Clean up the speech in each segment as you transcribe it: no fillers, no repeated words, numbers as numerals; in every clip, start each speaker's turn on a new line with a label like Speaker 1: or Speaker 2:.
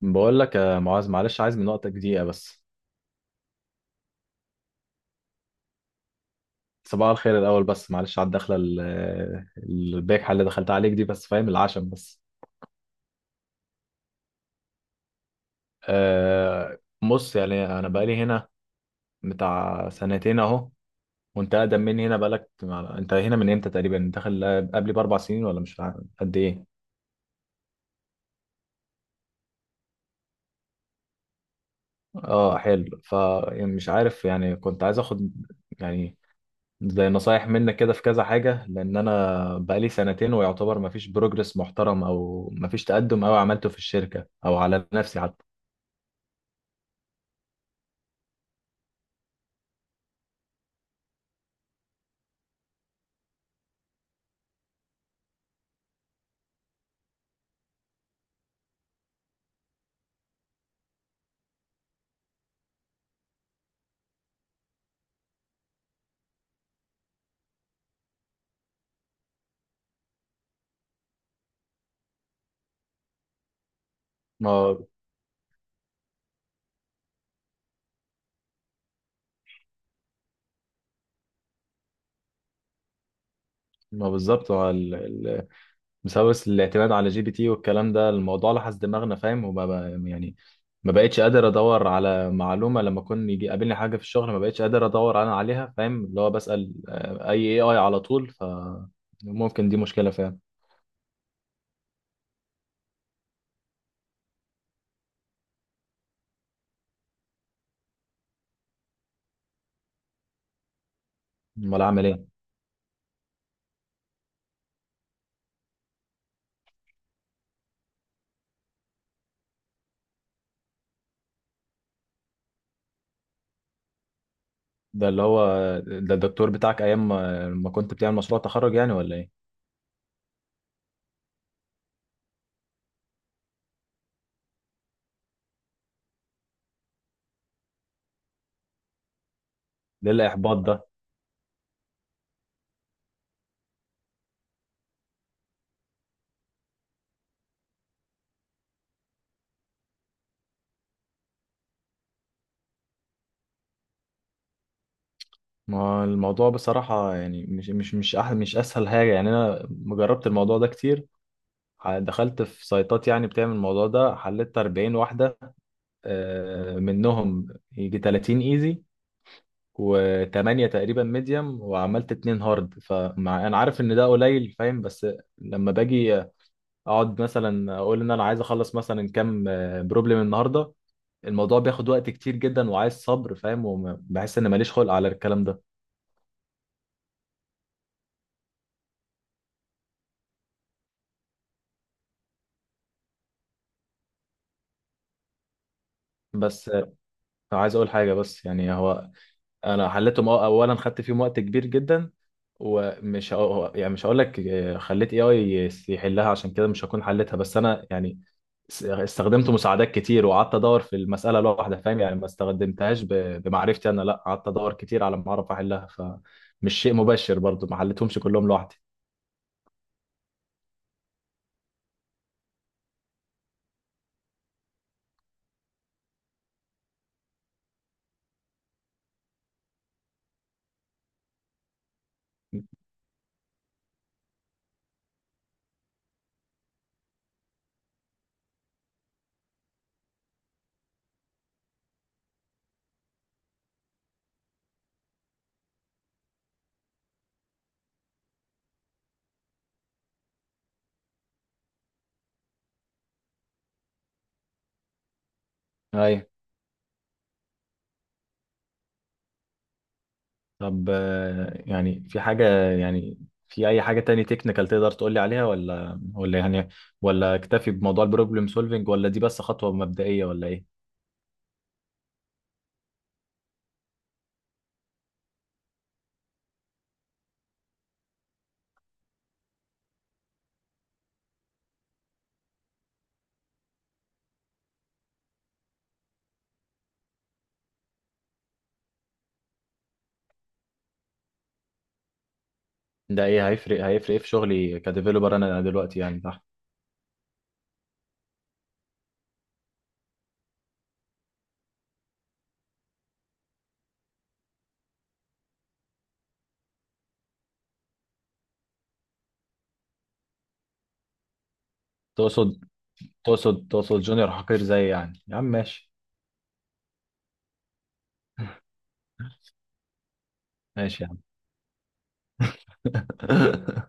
Speaker 1: بقول لك يا معاذ، معلش، عايز من وقتك دقيقة بس. صباح الخير الأول، بس معلش على الدخلة الباجحة اللي دخلت عليك دي، بس فاهم العشم بس. أه. بص، يعني أنا بقالي هنا بتاع سنتين أهو، وأنت أقدم مني هنا بقالك. أنت هنا من إمتى تقريبا؟ داخل قبلي ب4 سنين ولا مش عارف قد إيه؟ أه، حلو. فمش عارف، يعني كنت عايز أخد يعني زي نصايح منك كده في كذا حاجة، لأن أنا بقالي سنتين ويعتبر مفيش بروجرس محترم أو مفيش تقدم أوي عملته في الشركة أو على نفسي حتى. ما ما بالظبط هو بسبب الاعتماد على جي بي تي والكلام ده الموضوع لحس دماغنا، فاهم؟ يعني ما بقتش قادر ادور على معلومه لما كنت يجي يقابلني حاجه في الشغل، ما بقتش قادر ادور انا عليها، فاهم؟ اللي هو بسال اي اي اي على طول، فممكن دي مشكله، فاهم. امال اعمل ايه؟ ده اللي هو ده الدكتور بتاعك ايام ما كنت بتعمل مشروع تخرج يعني، ولا ايه؟ ده الاحباط ده؟ ما هو الموضوع بصراحة يعني مش اسهل حاجة يعني. انا جربت الموضوع ده كتير. دخلت في سايتات يعني بتعمل الموضوع ده، حللت 40 واحدة، منهم يجي 30 ايزي و8 تقريبا ميديوم، وعملت اتنين هارد. فمع انا عارف ان ده قليل، فاهم، بس لما باجي اقعد مثلا اقول ان انا عايز اخلص مثلا كام بروبلم النهارده، الموضوع بياخد وقت كتير جدا وعايز صبر، فاهم؟ وبحس ان ماليش خلق على الكلام ده. بس عايز اقول حاجه، بس يعني هو انا حليتهم، اولا خدت فيهم وقت كبير جدا، ومش هق- يعني مش هقول لك خليت اي يحلها عشان كده مش هكون حلتها، بس انا يعني استخدمت مساعدات كتير وقعدت ادور في المساله لوحدها، فاهم؟ يعني ما استخدمتهاش بمعرفتي انا، لا، قعدت ادور كتير على ما اعرف احلها، فمش شيء مباشر، برضو ما حلتهمش كلهم لوحدي. ايوه. طب يعني في حاجة، يعني في أي حاجة تاني تكنيكال تقدر تقولي عليها، ولا يعني ولا أكتفي بموضوع البروبلم سولفينج، ولا دي بس خطوة مبدئية، ولا إيه؟ ده إيه هيفرق؟ إيه في شغلي كديفيلوبر أنا دلوقتي يعني تحت؟ تقصد تقصد جونيور حقير زي يعني؟ يا عم، ماشي. ماشي يا عم.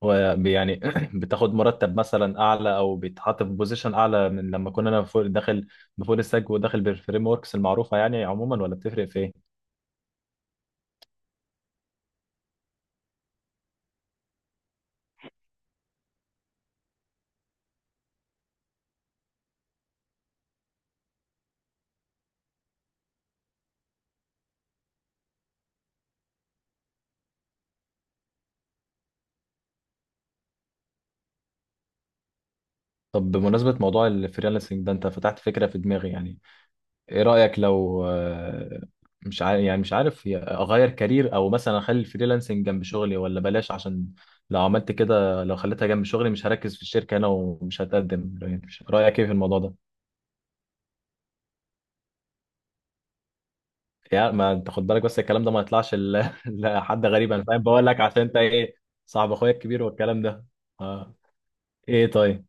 Speaker 1: ويعني بتاخد مرتب مثلا أعلى أو بيتحط في بوزيشن أعلى من لما كنا أنا داخل بفول ستاك وداخل بالفريم وركس المعروفة يعني عموما، ولا بتفرق في إيه؟ طب بمناسبة موضوع الفريلانسنج ده، انت فتحت فكرة في دماغي يعني. ايه رأيك لو مش عارف يعني، مش عارف، اغير كارير او مثلا اخلي الفريلانسنج جنب شغلي، ولا بلاش عشان لو عملت كده، لو خليتها جنب شغلي مش هركز في الشركة انا ومش هتقدم، يعني رأيك ايه في الموضوع ده؟ يعني ما انت خد بالك بس، الكلام ده ما يطلعش لحد غريب. انا فاهم، بقول لك عشان انت ايه، صاحب اخويا الكبير والكلام ده. آه. ايه؟ طيب.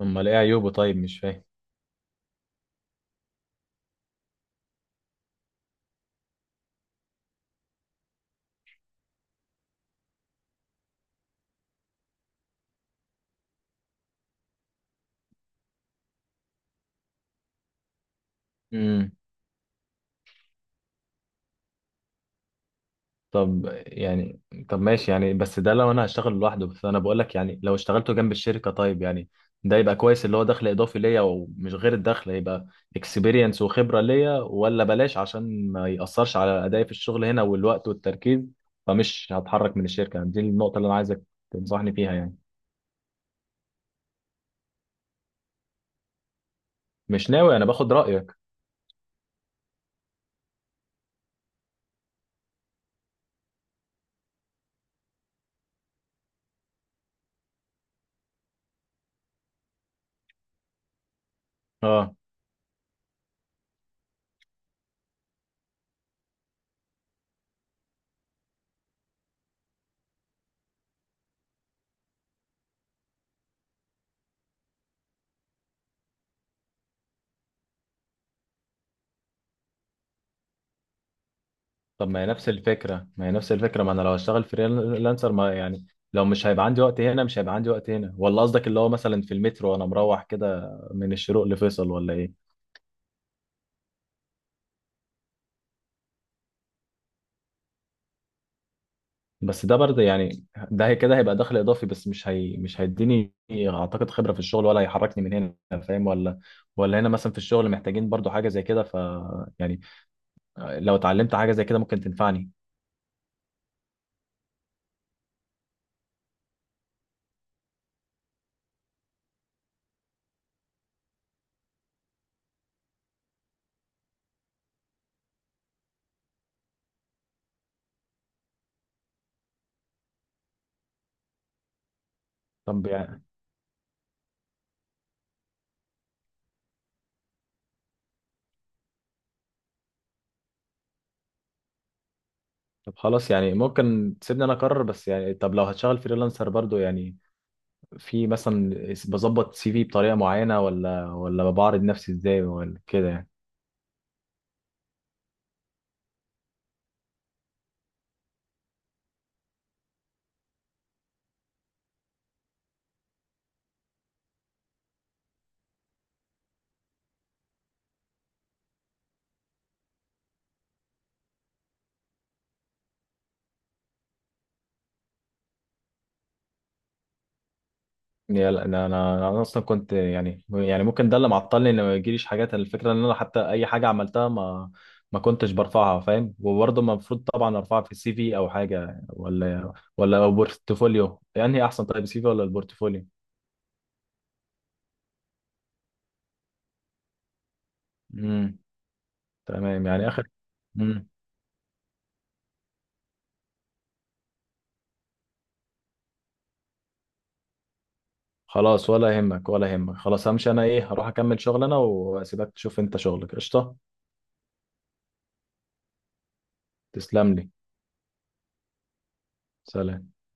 Speaker 1: امال ايه عيوبه طيب؟ مش فاهم. امم. طب يعني، طب ماشي يعني، بس ده لو انا هشتغل لوحده، بس انا بقول لك يعني، لو اشتغلته جنب الشركه طيب يعني ده يبقى كويس، اللي هو دخل اضافي ليا، ومش غير الدخل يبقى اكسبيرينس وخبره ليا، ولا بلاش عشان ما ياثرش على ادائي في الشغل هنا والوقت والتركيز. فمش هتحرك من الشركه دي، النقطه اللي انا عايزك تنصحني فيها يعني. مش ناوي، انا باخد رايك. اه. طب ما هي نفس الفكرة، ما هي نفس الفكرة، ما انا لو هشتغل فريلانسر ما يعني لو مش هيبقى عندي وقت هنا، مش هيبقى عندي وقت هنا، ولا قصدك اللي هو مثلا في المترو وانا مروح كده من الشروق لفيصل، ولا ايه؟ بس ده برضه يعني، ده هي كده هيبقى دخل اضافي، بس مش هي مش هيديني اعتقد خبرة في الشغل، ولا هيحركني من هنا فاهم، ولا هنا مثلا في الشغل محتاجين برضه حاجة زي كده، ف يعني لو اتعلمت حاجة زي كده ممكن تنفعني. طب يعني، طب خلاص يعني ممكن تسيبني انا اقرر، بس يعني طب لو هتشتغل فريلانسر برضه يعني في مثلا بظبط سي في بطريقه معينه، ولا بعرض نفسي ازاي، ولا كده يعني؟ يا لا، انا انا أنا اصلا كنت يعني، ممكن ده اللي معطلني، ان ما يجيليش حاجات، الفكره ان انا حتى اي حاجه عملتها ما كنتش برفعها، فاهم؟ وبرضه ما، المفروض طبعا ارفعها في السي في او حاجه، ولا بورتفوليو. يعني إيه احسن طيب، السي في ولا البورتفوليو؟ امم. تمام يعني اخر. امم. خلاص، ولا يهمك، ولا يهمك، خلاص همشي انا. ايه؟ هروح اكمل شغل انا، واسيبك تشوف انت شغلك قشطه. تسلم لي. سلام.